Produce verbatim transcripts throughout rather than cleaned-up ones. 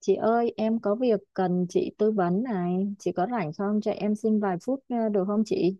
Chị ơi, em có việc cần chị tư vấn này. Chị có rảnh không? Cho em xin vài phút ờ, được không chị?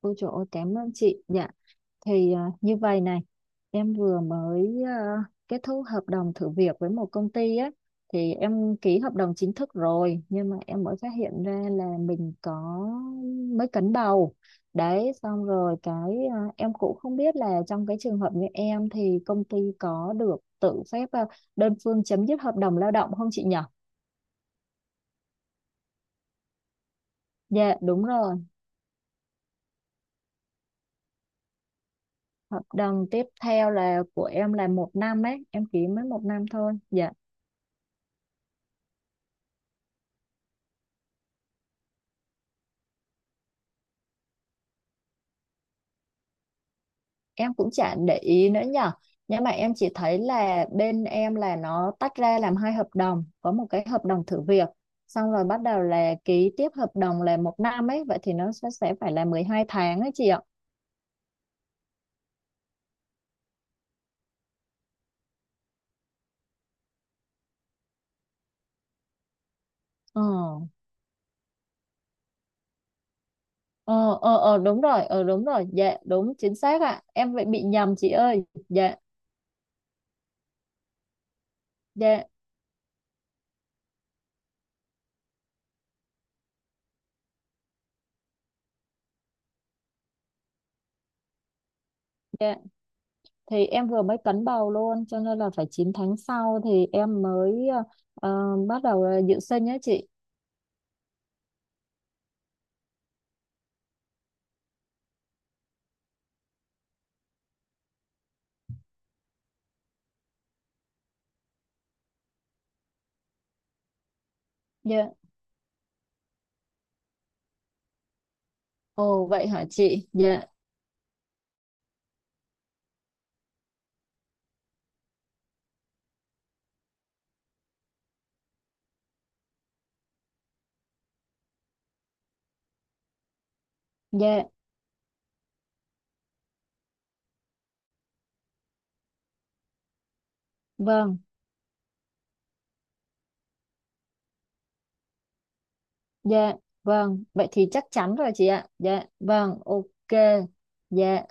Ôi trời ơi, cảm ơn chị. Dạ, thì ờ, như vậy này, em vừa mới ờ, kết thúc hợp đồng thử việc với một công ty á. Thì em ký hợp đồng chính thức rồi, nhưng mà em mới phát hiện ra là mình có mới cấn bầu. Đấy, xong rồi cái ờ, em cũng không biết là trong cái trường hợp như em thì công ty có được tự phép ờ, đơn phương chấm dứt hợp đồng lao động không chị nhỉ? Dạ đúng rồi, hợp đồng tiếp theo là của em là một năm ấy, em ký mới một năm thôi. Dạ, em cũng chả để ý nữa nhở. Nhưng mà em chỉ thấy là bên em là nó tách ra làm hai hợp đồng, có một cái hợp đồng thử việc, xong rồi bắt đầu là ký tiếp hợp đồng là một năm ấy, vậy thì nó sẽ sẽ phải là mười hai tháng ấy chị ạ. Ờ, ờ, ờ, ờ đúng rồi, ờ đúng rồi, dạ đúng chính xác ạ. Em vậy bị nhầm chị ơi. Dạ, dạ, dạ. Thì em vừa mới cấn bầu luôn cho nên là phải chín tháng sau thì em mới ờ, ờ, bắt đầu ờ, dự sinh nhé chị. Dạ. Ồ vậy hả chị? Dạ, dạ vâng, dạ vâng, vậy thì chắc chắn rồi chị ạ. Dạ vâng, ok. Dạ.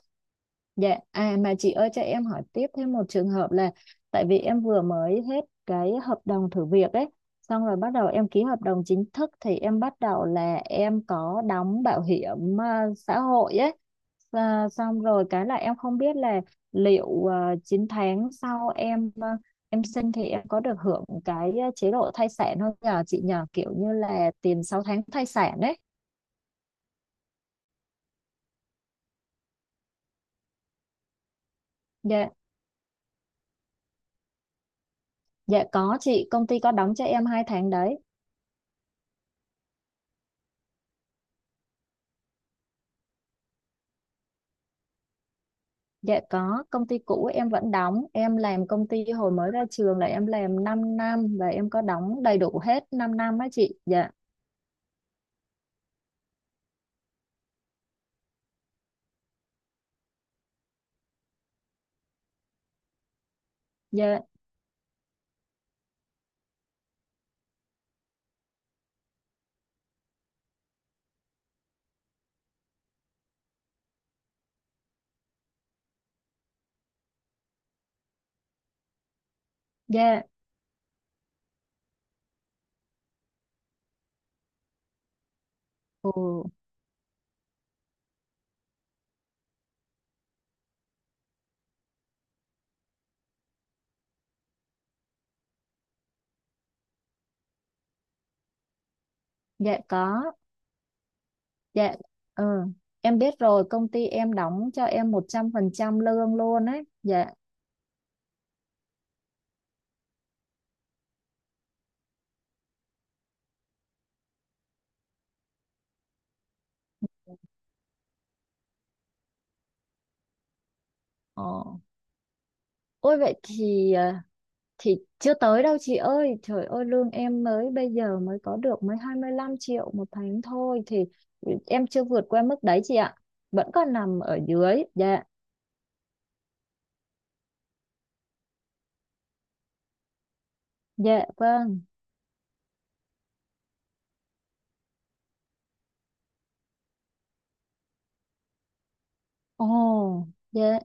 Dạ, à mà chị ơi cho em hỏi tiếp thêm một trường hợp là, tại vì em vừa mới hết cái hợp đồng thử việc ấy, xong rồi bắt đầu em ký hợp đồng chính thức thì em bắt đầu là em có đóng bảo hiểm à, xã hội ấy. Và xong rồi cái là em không biết là liệu à, chín tháng sau em à, em sinh thì em có được hưởng cái à, chế độ thai sản không nhờ chị, nhờ kiểu như là tiền sáu tháng thai sản ấy. Dạ, dạ có chị, công ty có đóng cho em hai tháng đấy. Dạ có, công ty cũ em vẫn đóng, em làm công ty hồi mới ra trường là em làm 5 năm và em có đóng đầy đủ hết 5 năm á chị. Dạ, dạ, dạ, ồ, dạ có, dạ, ừ. Em biết rồi, công ty em đóng cho em một trăm phần trăm lương luôn ấy. Dạ, ồ. Ôi vậy thì à, thì chưa tới đâu chị ơi, trời ơi lương em mới bây giờ mới có được mới hai mươi lăm triệu một tháng thôi thì em chưa vượt qua mức đấy chị ạ. Vẫn còn nằm ở dưới, dạ. Dạ vâng. Ồ. Dạ.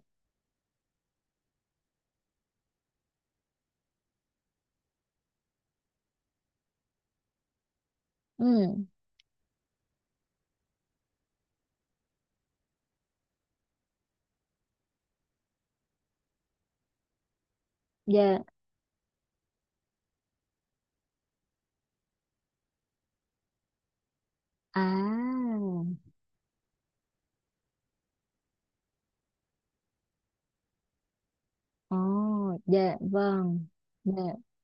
Ừ. Dạ. À. Ồ. Dạ vâng. Dạ.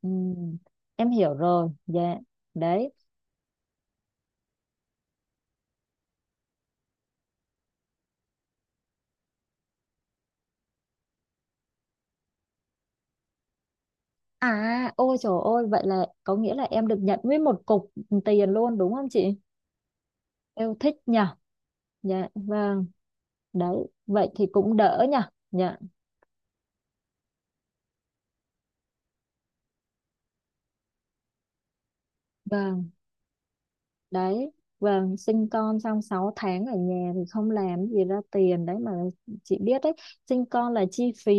Ừ, em hiểu rồi. Dạ. Đấy. À, ôi trời ơi, vậy là có nghĩa là em được nhận nguyên một cục tiền luôn đúng không chị? Yêu thích nhỉ, dạ vâng. Đấy. Vậy thì cũng đỡ nhỉ, dạ vâng. Đấy, và sinh con xong sáu tháng ở nhà thì không làm gì ra tiền đấy mà, chị biết đấy. Sinh con là chi phí,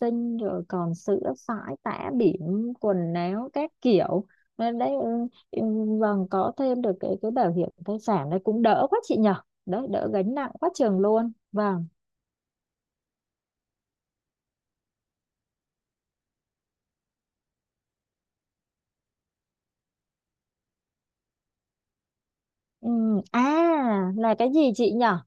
sinh rồi còn sữa sải tã bỉm, quần áo các kiểu nên đấy. Ừ, ừ. Vâng, có thêm được cái cái bảo hiểm thai sản đấy cũng đỡ quá chị nhở. Đấy đỡ gánh nặng quá chừng luôn, vâng. Ừ, à là cái gì chị nhở?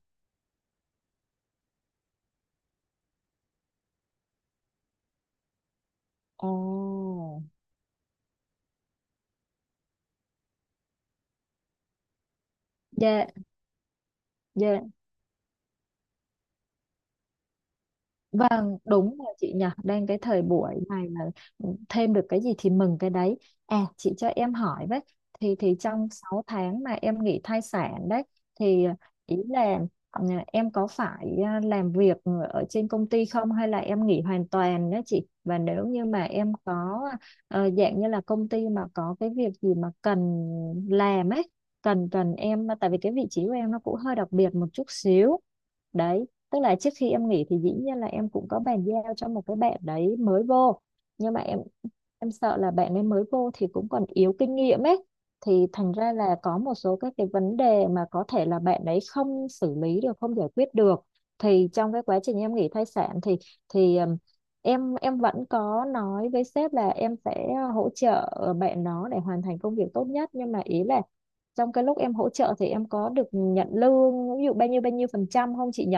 Ồ. Dạ, dạ. Vâng, đúng rồi chị nhỉ, đang cái thời buổi này mà ừ, thêm được cái gì thì mừng cái đấy. À, chị cho em hỏi với, thì thì trong sáu tháng mà em nghỉ thai sản đấy, thì ý là ừ, em có phải à, làm việc ở trên công ty không hay là em nghỉ hoàn toàn đó chị? Và nếu như mà em có ờ, dạng như là công ty mà có cái việc gì mà cần làm ấy, cần cần em, tại vì cái vị trí của em nó cũng hơi đặc biệt một chút xíu đấy, tức là trước khi em nghỉ thì dĩ nhiên là em cũng có bàn giao cho một cái bạn đấy mới vô, nhưng mà em em sợ là bạn ấy mới vô thì cũng còn yếu kinh nghiệm ấy, thì thành ra là có một số các cái vấn đề mà có thể là bạn ấy không xử lý được, không giải quyết được. Thì trong cái quá trình em nghỉ thai sản thì thì ừm, em em vẫn có nói với sếp là em sẽ hỗ trợ bạn đó để hoàn thành công việc tốt nhất, nhưng mà ý là trong cái lúc em hỗ trợ thì em có được nhận lương ví dụ bao nhiêu bao nhiêu phần trăm không chị nhỉ?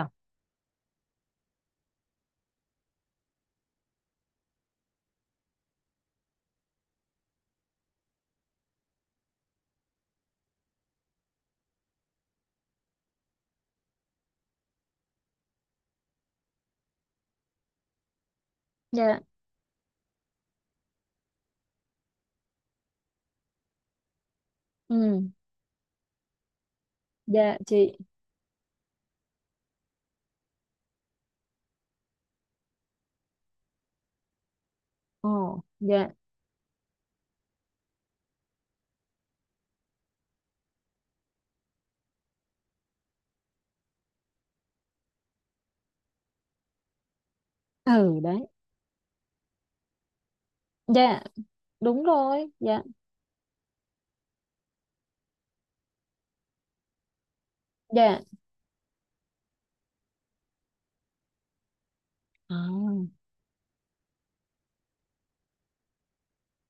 Dạ. Ừ. Dạ chị. Ồ. Dạ. Ừ. Đấy. Dạ đúng rồi. Dạ, dạ. À,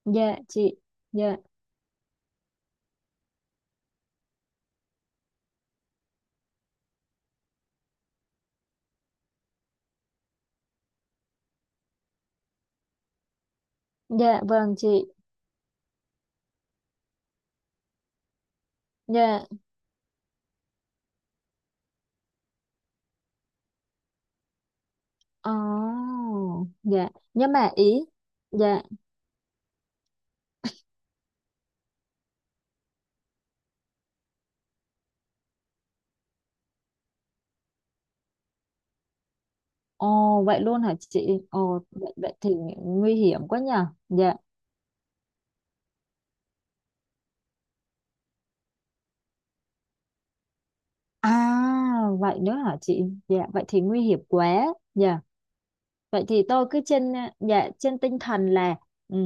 dạ chị. Dạ, dạ vâng chị. Dạ. Ồ. Dạ, nhưng mà ý. Dạ. Ồ, vậy luôn hả chị? Ồ vậy, vậy thì nguy hiểm quá nhờ, dạ. À, vậy nữa hả chị? Dạ, vậy thì nguy hiểm quá, dạ. Vậy thì tôi cứ trên à, dạ, trên tinh thần là ừ,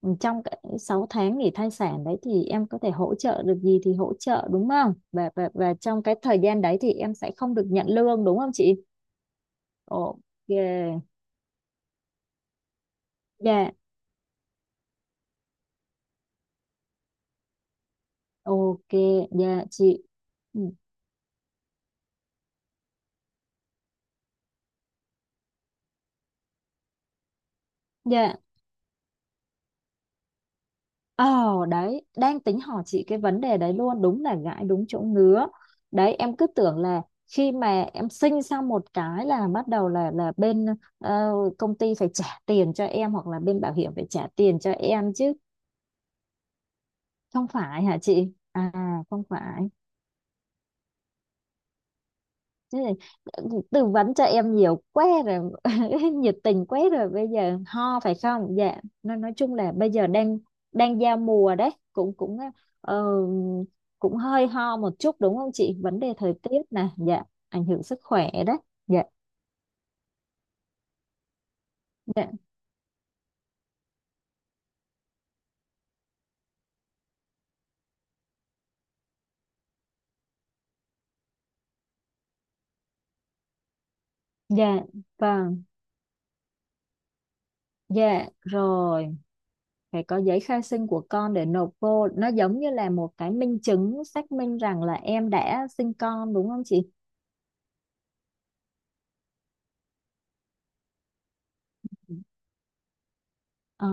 ừ, trong cái sáu tháng nghỉ thai sản đấy thì em có thể hỗ trợ được gì thì hỗ trợ đúng không? Và và và trong cái thời gian đấy thì em sẽ không được nhận lương đúng không chị? Ồ, yeah, dạ, ok, dạ chị. Ừ, dạ, ờ. Đấy, đang tính hỏi chị cái vấn đề đấy luôn, đúng là gãi đúng chỗ ngứa. Đấy, em cứ tưởng là khi mà em sinh xong một cái là bắt đầu là là bên ờ, công ty phải trả tiền cho em hoặc là bên bảo hiểm phải trả tiền cho em chứ, không phải hả chị? À không phải. Thế này, tư vấn cho em nhiều quá rồi nhiệt tình quá rồi, bây giờ ho phải không dạ? Nó nói chung là bây giờ đang đang giao mùa đấy, cũng cũng ờ, cũng hơi ho một chút đúng không chị? Vấn đề thời tiết nè, dạ. Ảnh hưởng sức khỏe đấy. Dạ, dạ, dạ vâng, dạ rồi, phải có giấy khai sinh của con để nộp vô, nó giống như là một cái minh chứng xác minh rằng là em đã sinh con đúng không chị? Ờ,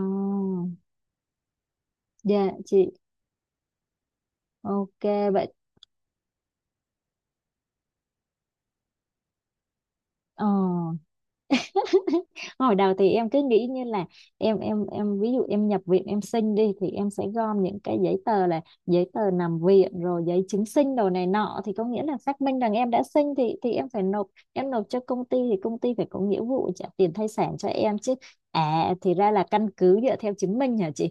dạ chị. Ok, vậy. Ờ. Hồi đầu thì em cứ nghĩ như là em em em ví dụ em nhập viện em sinh đi thì em sẽ gom những cái giấy tờ là giấy tờ nằm viện rồi giấy chứng sinh đồ này nọ, thì có nghĩa là xác minh rằng em đã sinh, thì thì em phải nộp em nộp cho công ty thì công ty phải có nghĩa vụ trả tiền thai sản cho em chứ. À thì ra là căn cứ dựa theo chứng minh hả chị?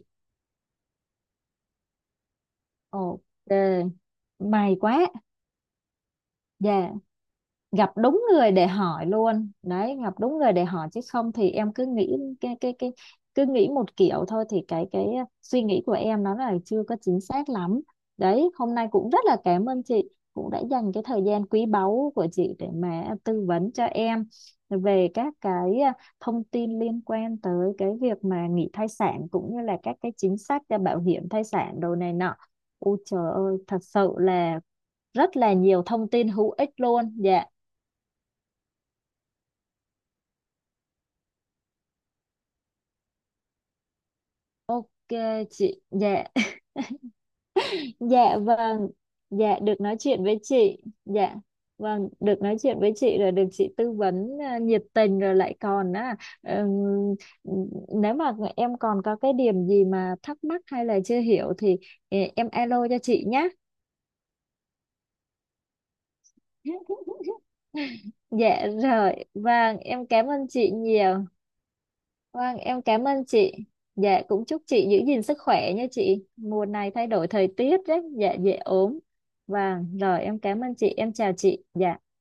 Ok may quá, dạ. Gặp đúng người để hỏi luôn đấy, gặp đúng người để hỏi chứ không thì em cứ nghĩ cái cái cái cứ nghĩ một kiểu thôi, thì cái cái suy nghĩ của em nó là chưa có chính xác lắm. Đấy hôm nay cũng rất là cảm ơn chị, cũng đã dành cái thời gian quý báu của chị để mà tư vấn cho em về các cái à, thông tin liên quan tới cái việc mà nghỉ thai sản cũng như là các cái chính sách cho bảo hiểm thai sản đồ này nọ. Ôi trời ơi, thật sự là rất là nhiều thông tin hữu ích luôn. Dạ. Ok chị, dạ, dạ vâng, dạ, được nói chuyện với chị. Dạ vâng, được nói chuyện với chị rồi được chị tư vấn à, nhiệt tình rồi lại còn á, ừm, nếu mà em còn có cái điểm gì mà thắc mắc hay là chưa hiểu thì ờ, em alo cho chị nhé. Dạ rồi, vâng, em cảm ơn chị nhiều. Vâng, em cảm ơn chị. Dạ, cũng chúc chị giữ gìn sức khỏe nha chị. Mùa này thay đổi thời tiết rất, dạ, dễ ốm. Vâng, rồi em cảm ơn chị, em chào chị. Dạ.